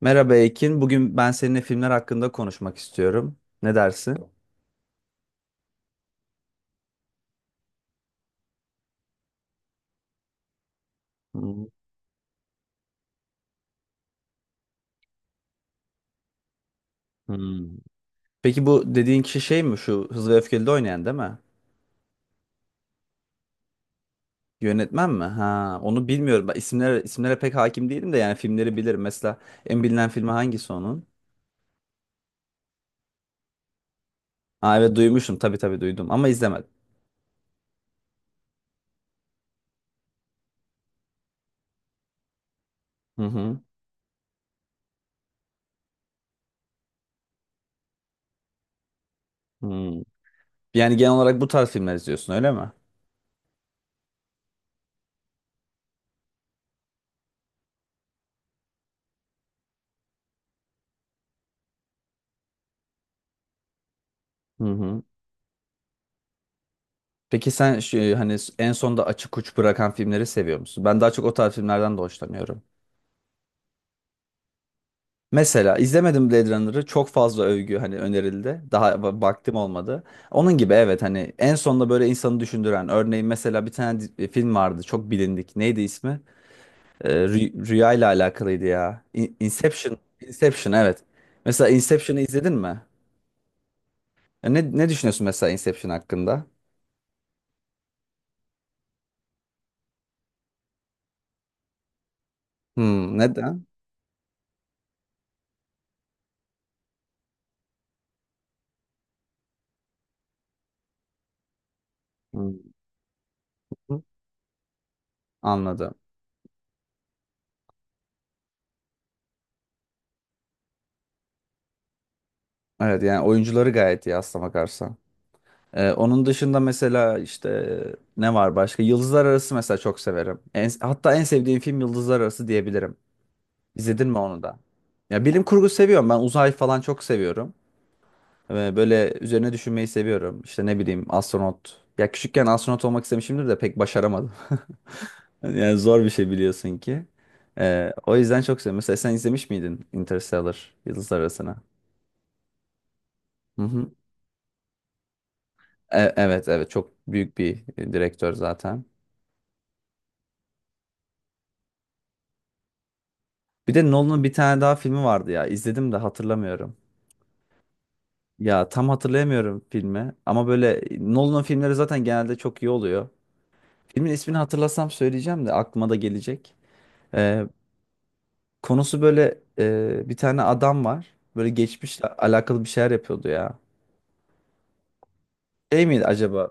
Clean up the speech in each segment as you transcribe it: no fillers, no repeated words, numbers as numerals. Merhaba Ekin. Bugün ben seninle filmler hakkında konuşmak istiyorum. Ne dersin? Hmm. Hmm. Peki bu dediğin kişi şey mi? Şu Hızlı ve Öfkeli'de oynayan değil mi? Yönetmen mi? Ha, onu bilmiyorum. Ben isimlere pek hakim değilim de yani filmleri bilirim. Mesela en bilinen filmi hangisi onun? Ha, evet duymuşum. Tabii tabii duydum ama izlemedim. Hı hı. Hmm. Yani genel olarak bu tarz filmler izliyorsun öyle mi? Hı hı. Peki sen şu, hani en sonda açık uç bırakan filmleri seviyor musun? Ben daha çok o tarz filmlerden de hoşlanıyorum. Mesela izlemedim Blade Runner'ı çok fazla övgü hani önerildi. Daha vaktim olmadı. Onun gibi evet hani en sonunda böyle insanı düşündüren örneğin mesela bir tane film vardı çok bilindik. Neydi ismi? Rüya ile alakalıydı ya. Inception. Inception evet. Mesela Inception'ı izledin mi? Ya Ne düşünüyorsun mesela Inception hakkında? Hmm, neden? Hmm, anladım. Evet yani oyuncuları gayet iyi aslına bakarsan. Onun dışında mesela işte ne var başka? Yıldızlar Arası mesela çok severim. En, hatta en sevdiğim film Yıldızlar Arası diyebilirim. İzledin mi onu da? Ya bilim kurgu seviyorum. Ben uzay falan çok seviyorum. Böyle üzerine düşünmeyi seviyorum. İşte ne bileyim astronot. Ya küçükken astronot olmak istemişimdir de pek başaramadım. Yani zor bir şey biliyorsun ki. O yüzden çok seviyorum. Mesela sen izlemiş miydin Interstellar Yıldızlar Arası'na? Hı hı. Evet evet çok büyük bir direktör zaten. Bir de Nolan'ın bir tane daha filmi vardı ya. İzledim de hatırlamıyorum. Ya tam hatırlayamıyorum filmi. Ama böyle Nolan'ın filmleri zaten genelde çok iyi oluyor. Filmin ismini hatırlasam söyleyeceğim de aklıma da gelecek. Ee, Konusu böyle bir tane adam var. Böyle geçmişle alakalı bir şeyler yapıyordu ya. Şey miydi acaba?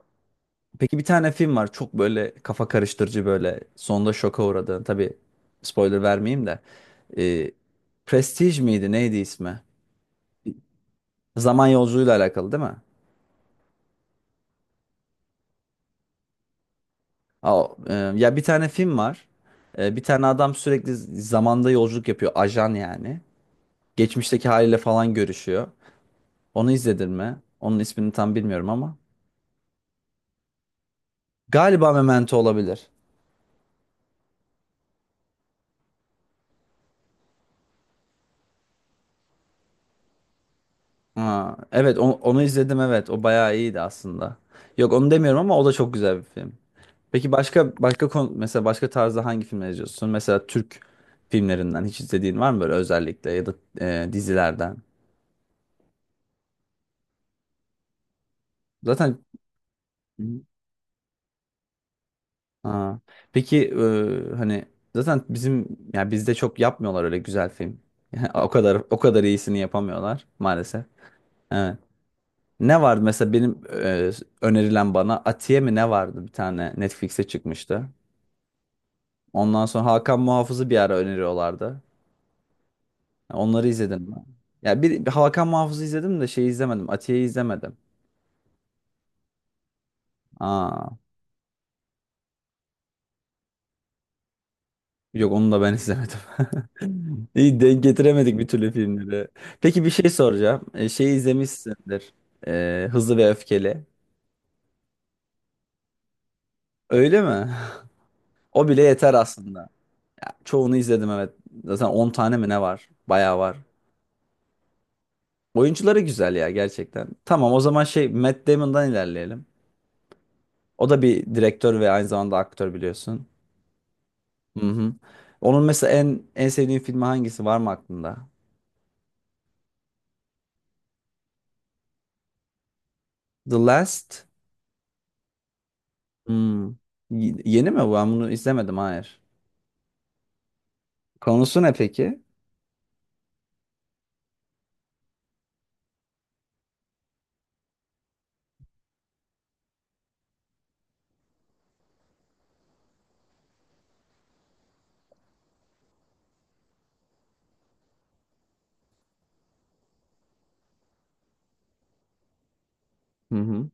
Peki bir tane film var. Çok böyle kafa karıştırıcı böyle. Sonunda şoka uğradığın. Tabii spoiler vermeyeyim de. Ee, Prestige miydi? Neydi ismi? Zaman yolculuğuyla alakalı değil mi? Ya bir tane film var. Bir tane adam sürekli zamanda yolculuk yapıyor. Ajan yani. Geçmişteki haliyle falan görüşüyor. Onu izledin mi? Onun ismini tam bilmiyorum ama. Galiba Memento olabilir. Ha, evet onu, izledim evet. O bayağı iyiydi aslında. Yok onu demiyorum ama o da çok güzel bir film. Peki başka başka konu, mesela başka tarzda hangi filmler izliyorsun? Mesela Türk filmlerinden hiç izlediğin var mı böyle özellikle ya da dizilerden? Zaten ha. Peki hani zaten bizim yani bizde çok yapmıyorlar öyle güzel film. Yani o kadar o kadar iyisini yapamıyorlar maalesef. Evet. Ne vardı mesela benim önerilen bana Atiye mi ne vardı bir tane Netflix'e çıkmıştı. Ondan sonra Hakan Muhafız'ı bir ara öneriyorlardı. Onları izledim mi? Ya bir Hakan Muhafız'ı izledim de şeyi izlemedim. Atiye'yi izlemedim. Aa. Yok onu da ben izlemedim. İyi denk getiremedik bir türlü filmleri. Peki bir şey soracağım. Şeyi izlemişsindir. Hızlı ve Öfkeli. Öyle mi? O bile yeter aslında. Ya, çoğunu izledim evet. Zaten 10 tane mi ne var? Bayağı var. Oyuncuları güzel ya gerçekten. Tamam o zaman şey Matt Damon'dan ilerleyelim. O da bir direktör ve aynı zamanda aktör biliyorsun. Hı hı. Onun mesela en sevdiğin filmi hangisi var mı aklında? The Last hmm. Yeni mi bu? Ben bunu izlemedim. Hayır. Konusu ne peki? Hı hı.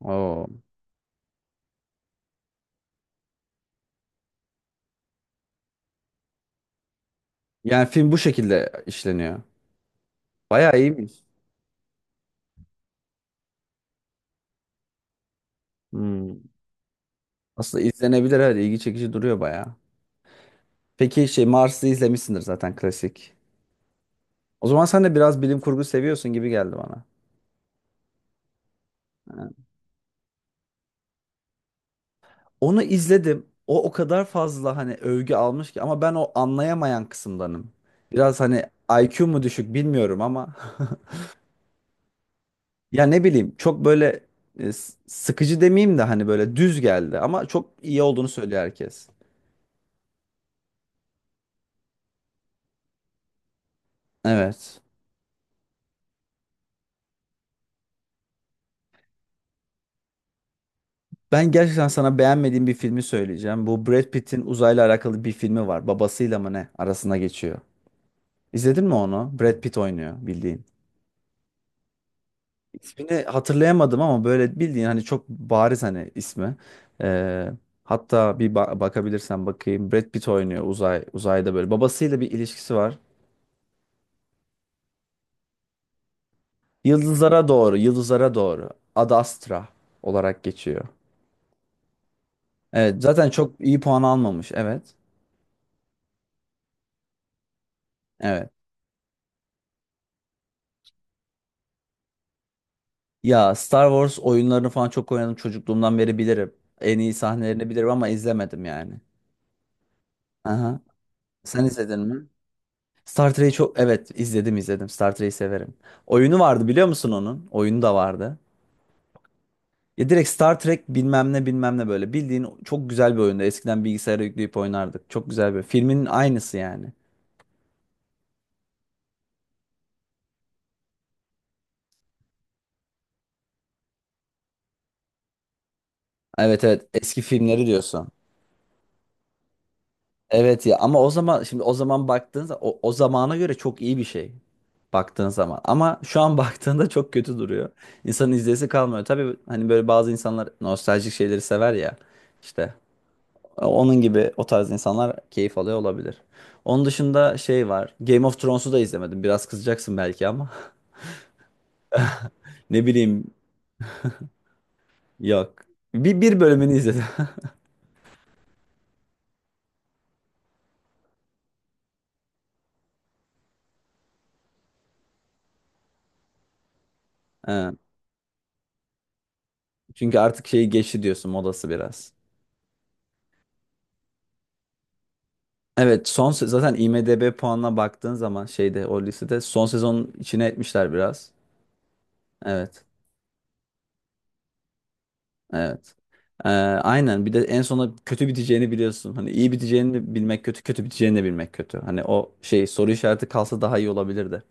Oo. Yani film bu şekilde işleniyor. Bayağı iyiymiş. Hmm. Aslında izlenebilir evet. ilgi çekici duruyor bayağı. Peki şey Mars'ı izlemişsindir zaten klasik. O zaman sen de biraz bilim kurgu seviyorsun gibi geldi bana. Ha. Onu izledim. O o kadar fazla hani övgü almış ki ama ben o anlayamayan kısımdanım. Biraz hani IQ mu düşük bilmiyorum ama ya ne bileyim çok böyle sıkıcı demeyeyim de hani böyle düz geldi ama çok iyi olduğunu söylüyor herkes. Evet. Ben gerçekten sana beğenmediğim bir filmi söyleyeceğim. Bu Brad Pitt'in uzayla alakalı bir filmi var. Babasıyla mı ne? Arasına geçiyor. İzledin mi onu? Brad Pitt oynuyor bildiğin. İsmini hatırlayamadım ama böyle bildiğin hani çok bariz hani ismi. Ee, Hatta bir bakabilirsen bakayım. Brad Pitt oynuyor uzayda böyle. Babasıyla bir ilişkisi var. Yıldızlara doğru, yıldızlara doğru. Ad Astra olarak geçiyor. Evet, zaten çok iyi puan almamış. Evet. Evet. Ya Star Wars oyunlarını falan çok oynadım çocukluğumdan beri bilirim. En iyi sahnelerini bilirim ama izlemedim yani. Aha. Sen izledin mi? Star Trek'i çok evet izledim izledim. Star Trek'i severim. Oyunu vardı biliyor musun onun? Oyunu da vardı. Ya direkt Star Trek bilmem ne bilmem ne böyle. Bildiğin çok güzel bir oyunda. Eskiden bilgisayara yükleyip oynardık. Çok güzel bir. Filmin aynısı yani. Evet evet eski filmleri diyorsun. Evet ya ama o zaman şimdi o zaman baktığınızda o zamana göre çok iyi bir şey baktığın zaman ama şu an baktığında çok kötü duruyor. İnsanın izleyesi kalmıyor. Tabii hani böyle bazı insanlar nostaljik şeyleri sever ya işte onun gibi o tarz insanlar keyif alıyor olabilir. Onun dışında şey var Game of Thrones'u da izlemedim biraz kızacaksın belki ama ne bileyim yok bir bölümünü izledim. Ha, çünkü artık şeyi geçti diyorsun modası biraz. Evet zaten IMDb puanına baktığın zaman şeyde o listede son sezonun içine etmişler biraz. Evet. Evet. Aynen bir de en sona kötü biteceğini biliyorsun. Hani iyi biteceğini de bilmek kötü, kötü biteceğini de bilmek kötü. Hani o şey soru işareti kalsa daha iyi olabilirdi.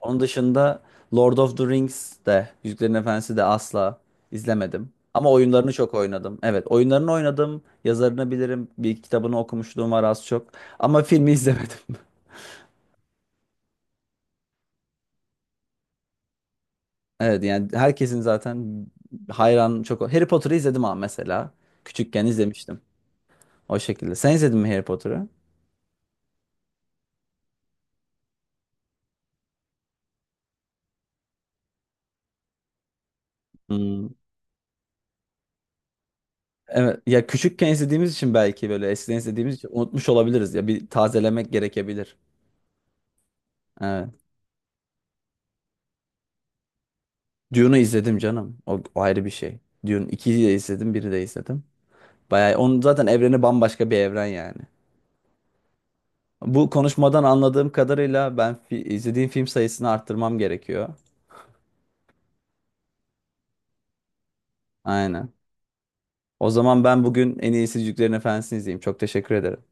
Onun dışında Lord of the Rings de Yüzüklerin Efendisi de asla izlemedim. Ama oyunlarını çok oynadım. Evet, oyunlarını oynadım. Yazarını bilirim. Bir iki kitabını okumuşluğum var az çok. Ama filmi izlemedim. Evet yani herkesin zaten hayran çok. Harry Potter'ı izledim ama mesela. Küçükken izlemiştim. O şekilde. Sen izledin mi Harry Potter'ı? Hmm. Evet ya küçükken izlediğimiz için belki böyle eskiden izlediğimiz için unutmuş olabiliriz ya bir tazelemek gerekebilir. Evet. Dune'u izledim canım. O, o ayrı bir şey. Dune 2'yi de izledim, biri de izledim. Bayağı onun zaten evreni bambaşka bir evren yani. Bu konuşmadan anladığım kadarıyla ben izlediğim film sayısını arttırmam gerekiyor. Aynen. O zaman ben bugün en iyisi Yüzüklerin Efendisi'ni izleyeyim. Çok teşekkür ederim.